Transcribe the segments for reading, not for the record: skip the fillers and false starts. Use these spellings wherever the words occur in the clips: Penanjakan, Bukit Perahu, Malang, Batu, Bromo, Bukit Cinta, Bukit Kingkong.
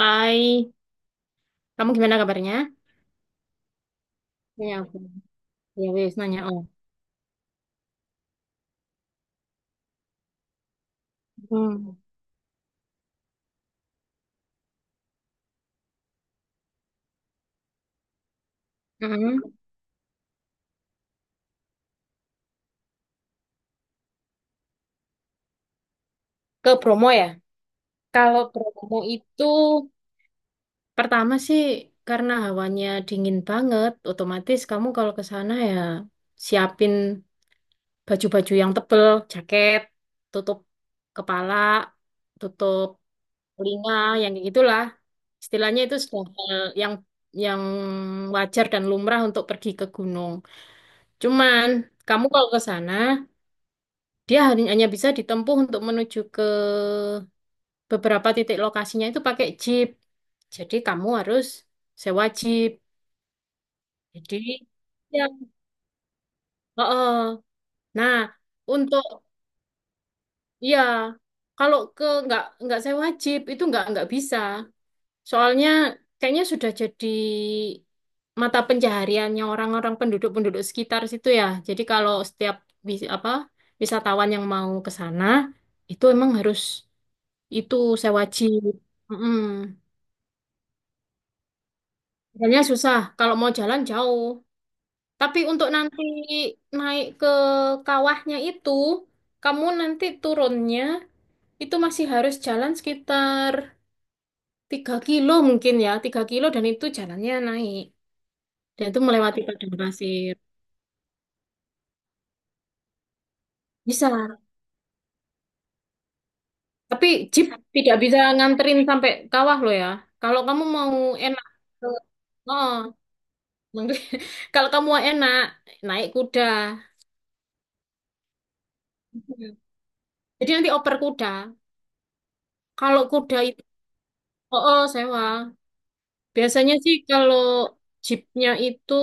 Hai, kamu gimana kabarnya? Ya, aku. Ya, wis nanya. Oh. Hmm. Mm-mm. Ke Bromo ya? Kalau Bromo itu pertama sih karena hawanya dingin banget, otomatis kamu kalau ke sana ya siapin baju-baju yang tebel, jaket, tutup kepala, tutup telinga, yang kayak gitulah. Istilahnya itu sudah hal yang wajar dan lumrah untuk pergi ke gunung. Cuman kamu kalau ke sana dia hanya hanya bisa ditempuh untuk menuju ke beberapa titik lokasinya itu pakai jeep. Jadi kamu harus sewa jeep. Jadi ya, heeh. Nah, untuk ya kalau ke nggak sewa jeep itu nggak bisa. Soalnya kayaknya sudah jadi mata pencahariannya orang-orang penduduk-penduduk sekitar situ ya. Jadi kalau setiap wis- apa wisatawan yang mau ke sana itu emang harus itu sewa jeep. Mm-mm. Jalannya susah kalau mau jalan jauh. Tapi untuk nanti naik ke kawahnya itu, kamu nanti turunnya itu masih harus jalan sekitar 3 kilo mungkin ya, 3 kilo dan itu jalannya naik. Dan itu melewati padang pasir. Bisa. Tapi jeep tidak bisa nganterin sampai kawah loh ya. Kalau kamu mau enak, ke- oh, kalau kamu mau enak, naik kuda. Hmm. Jadi nanti oper kuda. Kalau kuda itu, oh, oh, sewa. Biasanya sih kalau jeepnya itu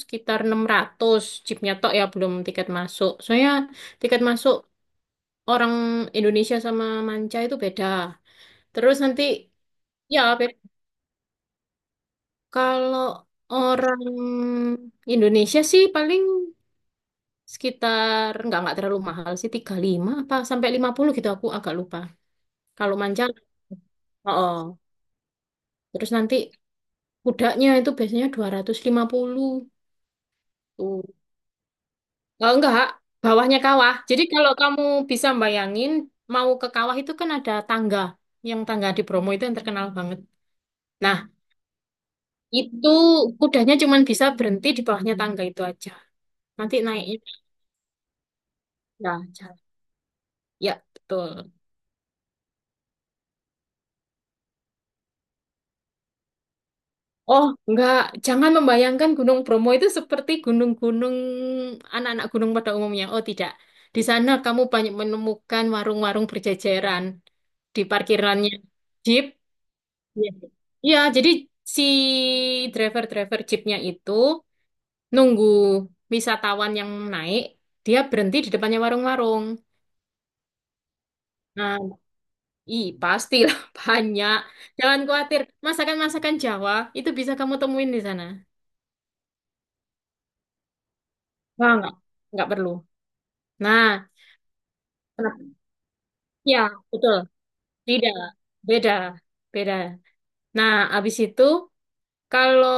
sekitar 600. Jeepnya tok ya, belum tiket masuk. Soalnya tiket masuk orang Indonesia sama manca itu beda. Terus nanti, ya kalau orang Indonesia sih paling sekitar nggak terlalu mahal sih 35 apa sampai 50 gitu aku agak lupa. Kalau manja oh, oh. Terus nanti kudanya itu biasanya 250 tuh. Oh, enggak, bawahnya kawah. Jadi kalau kamu bisa bayangin mau ke kawah itu kan ada tangga. Yang tangga di Bromo itu yang terkenal banget. Nah, itu kudanya cuma bisa berhenti di bawahnya tangga itu aja. Nanti naiknya ya, jalan. Ya, betul. Oh, enggak. Jangan membayangkan Gunung Bromo itu seperti gunung-gunung anak-anak gunung pada umumnya. Oh, tidak. Di sana kamu banyak menemukan warung-warung berjajaran di parkirannya jeep. Iya, iya, jadi si driver-driver jeepnya itu nunggu wisatawan yang naik, dia berhenti di depannya warung-warung. Nah, i pastilah banyak. Jangan khawatir, masakan-masakan Jawa itu bisa kamu temuin di sana. Wah, enggak perlu. Nah, kenapa? Ya, betul. Tidak, beda, beda. Nah, abis itu kalau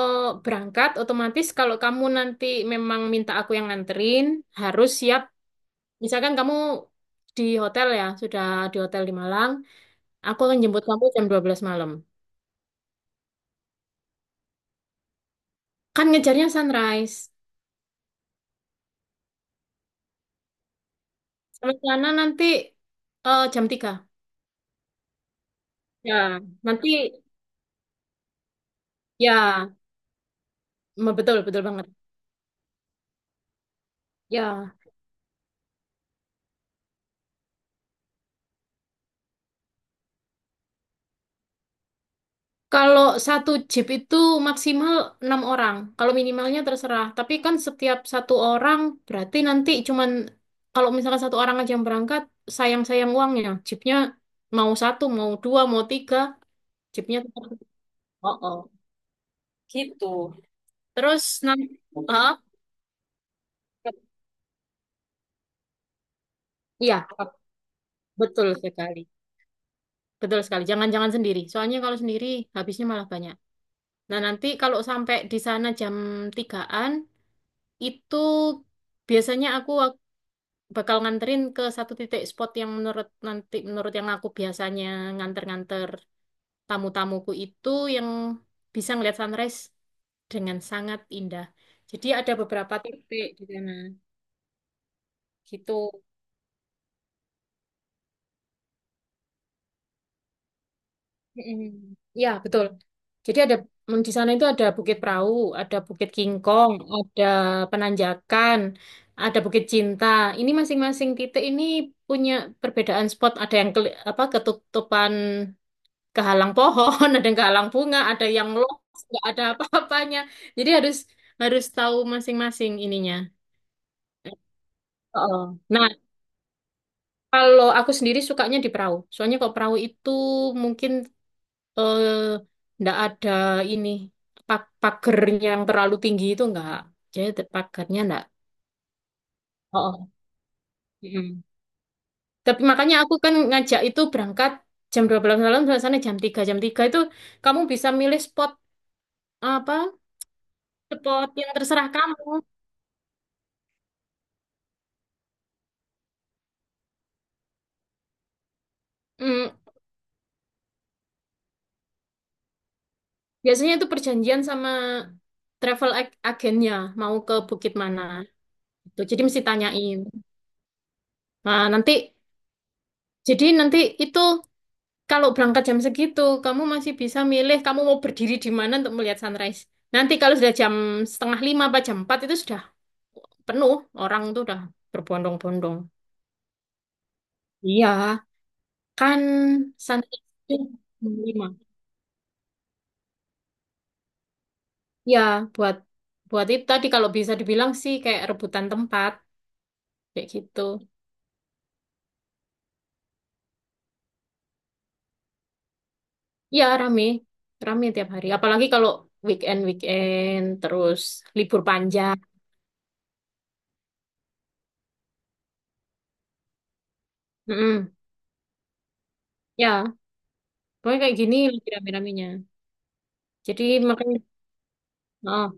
berangkat otomatis kalau kamu nanti memang minta aku yang nganterin, harus siap. Misalkan kamu di hotel ya, sudah di hotel di Malang, aku akan jemput kamu jam 12 malam. Kan ngejarnya sunrise. Sampai sana nanti jam 3. Ya, nanti ya, betul, betul banget. Ya, kalau satu jeep itu maksimal 6 orang. Kalau minimalnya terserah. Tapi kan setiap satu orang berarti nanti cuman kalau misalkan satu orang aja yang berangkat, sayang-sayang uangnya. Jeepnya mau satu, mau dua, mau tiga, jeepnya tetap. Oh, oh. Gitu. Terus nanti, ah, iya, betul sekali, betul sekali. Jangan-jangan sendiri. Soalnya kalau sendiri habisnya malah banyak. Nah nanti kalau sampai di sana jam tigaan itu biasanya aku bakal nganterin ke satu titik spot yang menurut nanti menurut yang aku biasanya nganter-nganter tamu-tamuku itu yang bisa ngeliat sunrise dengan sangat indah. Jadi ada beberapa titik di sana gitu. Mm-mm. Ya, betul. Jadi ada di sana itu ada Bukit Perahu, ada Bukit Kingkong, ada Penanjakan, ada Bukit Cinta. Ini masing-masing titik ini punya perbedaan spot. Ada yang keli- apa ketutupan kehalang pohon, ada yang kehalang bunga, ada yang lost, nggak ada apa-apanya. Jadi harus harus tahu masing-masing ininya. Oh. Nah, kalau aku sendiri sukanya di perahu. Soalnya kalau perahu itu mungkin eh, nggak ada ini pagernya yang terlalu tinggi itu nggak. Jadi pagarnya nggak. Oh. Mm. Tapi makanya aku kan ngajak itu berangkat jam 12 malam sampai sana jam 3. Jam 3 itu kamu bisa milih spot apa? Spot yang terserah kamu. Biasanya itu perjanjian sama travel agennya mau ke bukit mana. Gitu. Jadi mesti tanyain. Nah, nanti jadi nanti itu kalau berangkat jam segitu, kamu masih bisa milih kamu mau berdiri di mana untuk melihat sunrise. Nanti kalau sudah jam setengah lima apa jam 4 itu sudah penuh orang tuh udah berbondong-bondong. Iya, kan sunrise itu jam 5. Ya, buat buat itu tadi kalau bisa dibilang sih kayak rebutan tempat kayak gitu. Iya, rame. Rame tiap hari. Apalagi kalau weekend-weekend, terus libur panjang. Mm-mm. Ya, pokoknya kayak gini lagi rame-ramenya. Jadi makanya, oh,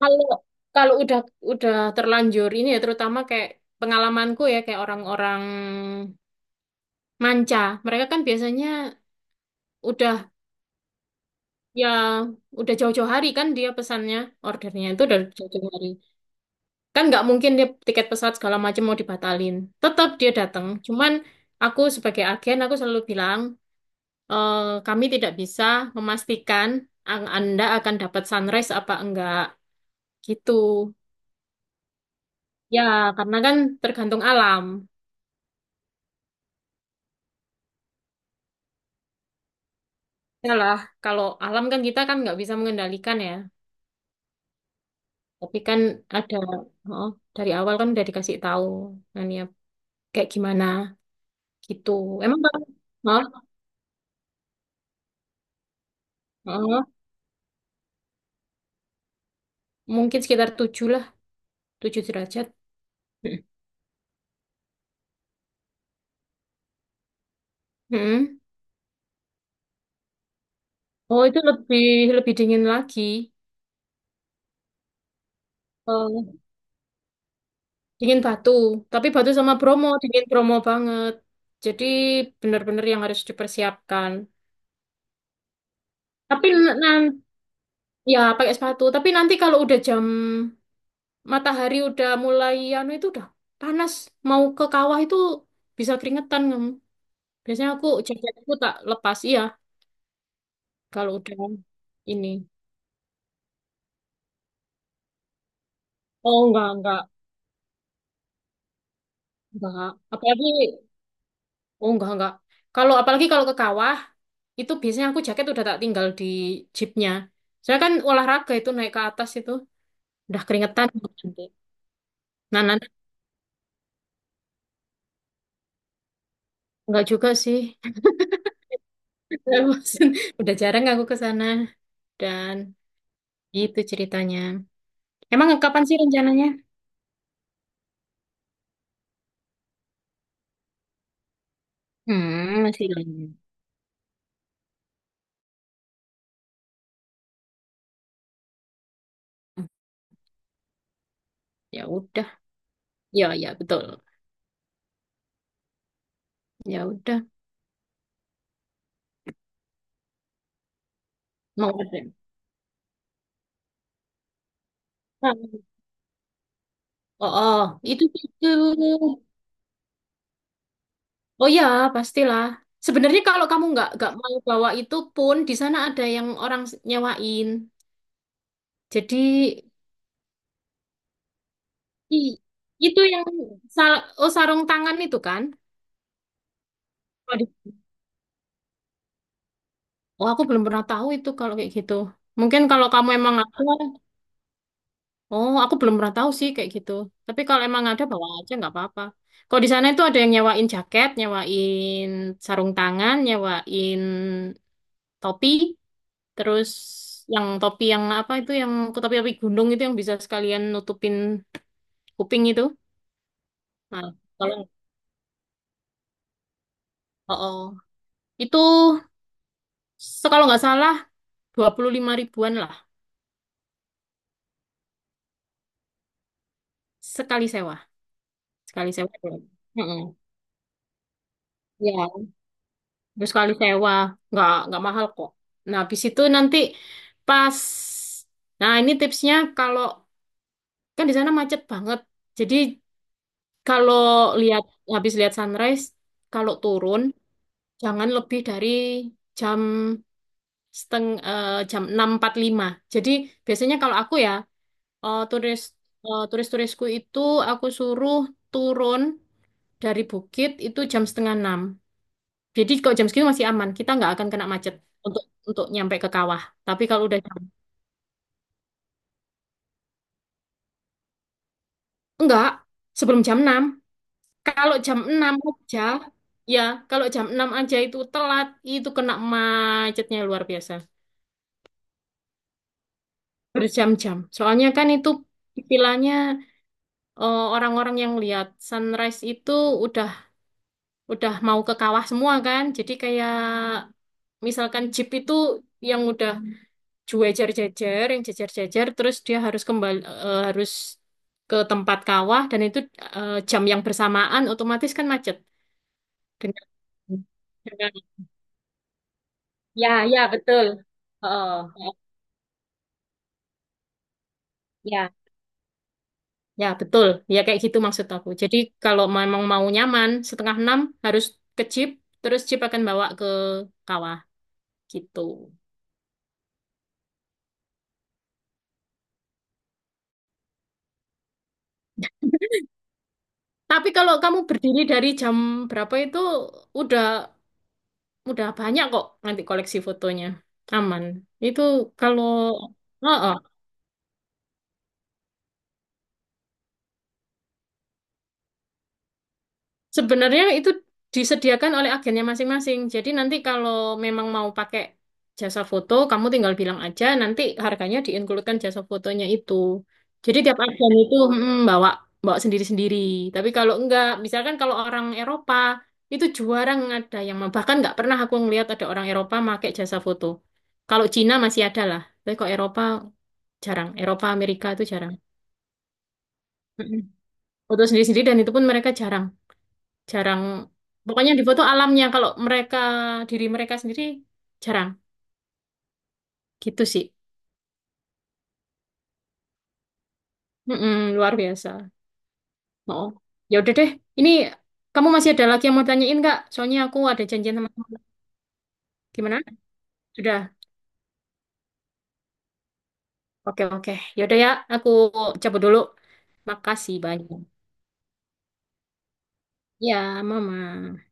kalau kalau udah terlanjur ini ya, terutama kayak pengalamanku ya, kayak orang-orang manca. Mereka kan biasanya udah ya udah jauh-jauh hari kan dia pesannya, ordernya itu udah jauh-jauh hari. Kan nggak mungkin dia tiket pesawat segala macam mau dibatalin. Tetap dia datang. Cuman aku sebagai agen aku selalu bilang, "Eh, kami tidak bisa memastikan Anda akan dapat sunrise apa enggak. Gitu. Ya, karena kan tergantung alam. Ya lah, kalau alam kan kita kan nggak bisa mengendalikan ya. Tapi kan ada, oh, dari awal kan udah dikasih tahu kan ya kayak gimana gitu. Emang kan, oh, oh, mungkin sekitar 7 lah, 7 derajat. Hmm. Hmm. Oh, itu lebih lebih dingin lagi. Oh, dingin Batu. Tapi Batu sama Bromo, dingin Bromo banget. Jadi benar-benar yang harus dipersiapkan. Tapi nanti ya pakai sepatu. Tapi nanti kalau udah jam matahari udah mulai anu itu udah panas. Mau ke kawah itu bisa keringetan kamu. Biasanya aku jaketku tak lepas iya kalau udah ini. Oh enggak enggak. Apalagi oh enggak enggak. Kalau apalagi kalau ke kawah itu biasanya aku jaket udah tak tinggal di jeepnya. Soalnya kan olahraga itu naik ke atas itu udah keringetan nanti. Nah, nanti nggak juga sih. Bosen. Udah jarang aku ke sana dan itu ceritanya. Emang kapan sih rencananya? Hmm, masih lama. Ya udah. Ya, ya betul. Ya udah. Mau ada. Hmm. Oh, oh, itu itu. Oh ya, pastilah. Sebenarnya kalau kamu nggak mau bawa itu pun di sana ada yang orang nyewain. Jadi ih, itu yang sarung tangan itu kan? Waduh. Oh, aku belum pernah tahu itu kalau kayak gitu. Mungkin kalau kamu emang ada, oh aku belum pernah tahu sih kayak gitu. Tapi kalau emang ada bawa aja nggak apa-apa. Kalau di sana itu ada yang nyewain jaket, nyewain sarung tangan, nyewain topi, terus yang topi yang apa itu yang topi-topi gunung itu yang bisa sekalian nutupin kuping itu. Nah, kalau oh, oh, itu kalau nggak salah 25 ribuan lah. Sekali sewa, sekali sewa. Boleh. Mm-mm. Ya, terus sekali sewa, nggak mahal kok. Nah, habis itu nanti pas, nah ini tipsnya kalau kan di sana macet banget. Jadi kalau lihat habis lihat sunrise, kalau turun jangan lebih dari jam jam 06.45. Jadi biasanya kalau aku ya eh, turis turis-turisku itu aku suruh turun dari bukit itu jam setengah enam. Jadi kalau jam segini masih aman, kita nggak akan kena macet untuk untuk nyampe ke kawah. Tapi kalau udah jam, enggak, sebelum jam 6. Kalau jam 6 aja, ya kalau jam 6 aja itu telat, itu kena macetnya luar biasa. Berjam-jam. Soalnya kan itu istilahnya orang-orang yang lihat sunrise itu udah udah mau ke kawah semua kan. Jadi kayak misalkan jeep itu yang udah gue jejer-jejer, yang jejer-jejer, terus dia harus kembali eh, harus ke tempat kawah dan itu jam yang bersamaan otomatis kan macet. Dengan, dengan ya ya betul. Oh, oh, ya ya betul. Ya kayak gitu maksud aku. Jadi kalau memang mau nyaman setengah enam harus ke jeep, terus jeep akan bawa ke kawah gitu. Tapi kalau kamu berdiri dari jam berapa itu udah Udah banyak kok nanti koleksi fotonya. Aman. Itu kalau oh, oh. Sebenarnya itu disediakan oleh agennya masing-masing. Jadi nanti kalau memang mau pakai jasa foto, kamu tinggal bilang aja, nanti harganya diinkludkan jasa fotonya itu. Jadi tiap agen itu bawa bawa sendiri-sendiri. Tapi kalau enggak, misalkan kalau orang Eropa itu jarang ada yang mau. Bahkan nggak pernah aku ngelihat ada orang Eropa pakai jasa foto. Kalau Cina masih ada lah, tapi kok Eropa jarang. Eropa, Amerika itu jarang. Mm-mm. Foto sendiri-sendiri dan itu pun mereka jarang. Jarang. Pokoknya di foto alamnya kalau mereka diri mereka sendiri jarang. Gitu sih. Mm-mm, luar biasa. Oh. Ya udah deh. Ini kamu masih ada lagi yang mau tanyain nggak? Soalnya aku ada janjian sama teman. Gimana? Sudah. Oke, oke. Ya udah ya, aku cabut dulu. Makasih banyak. Ya, Mama.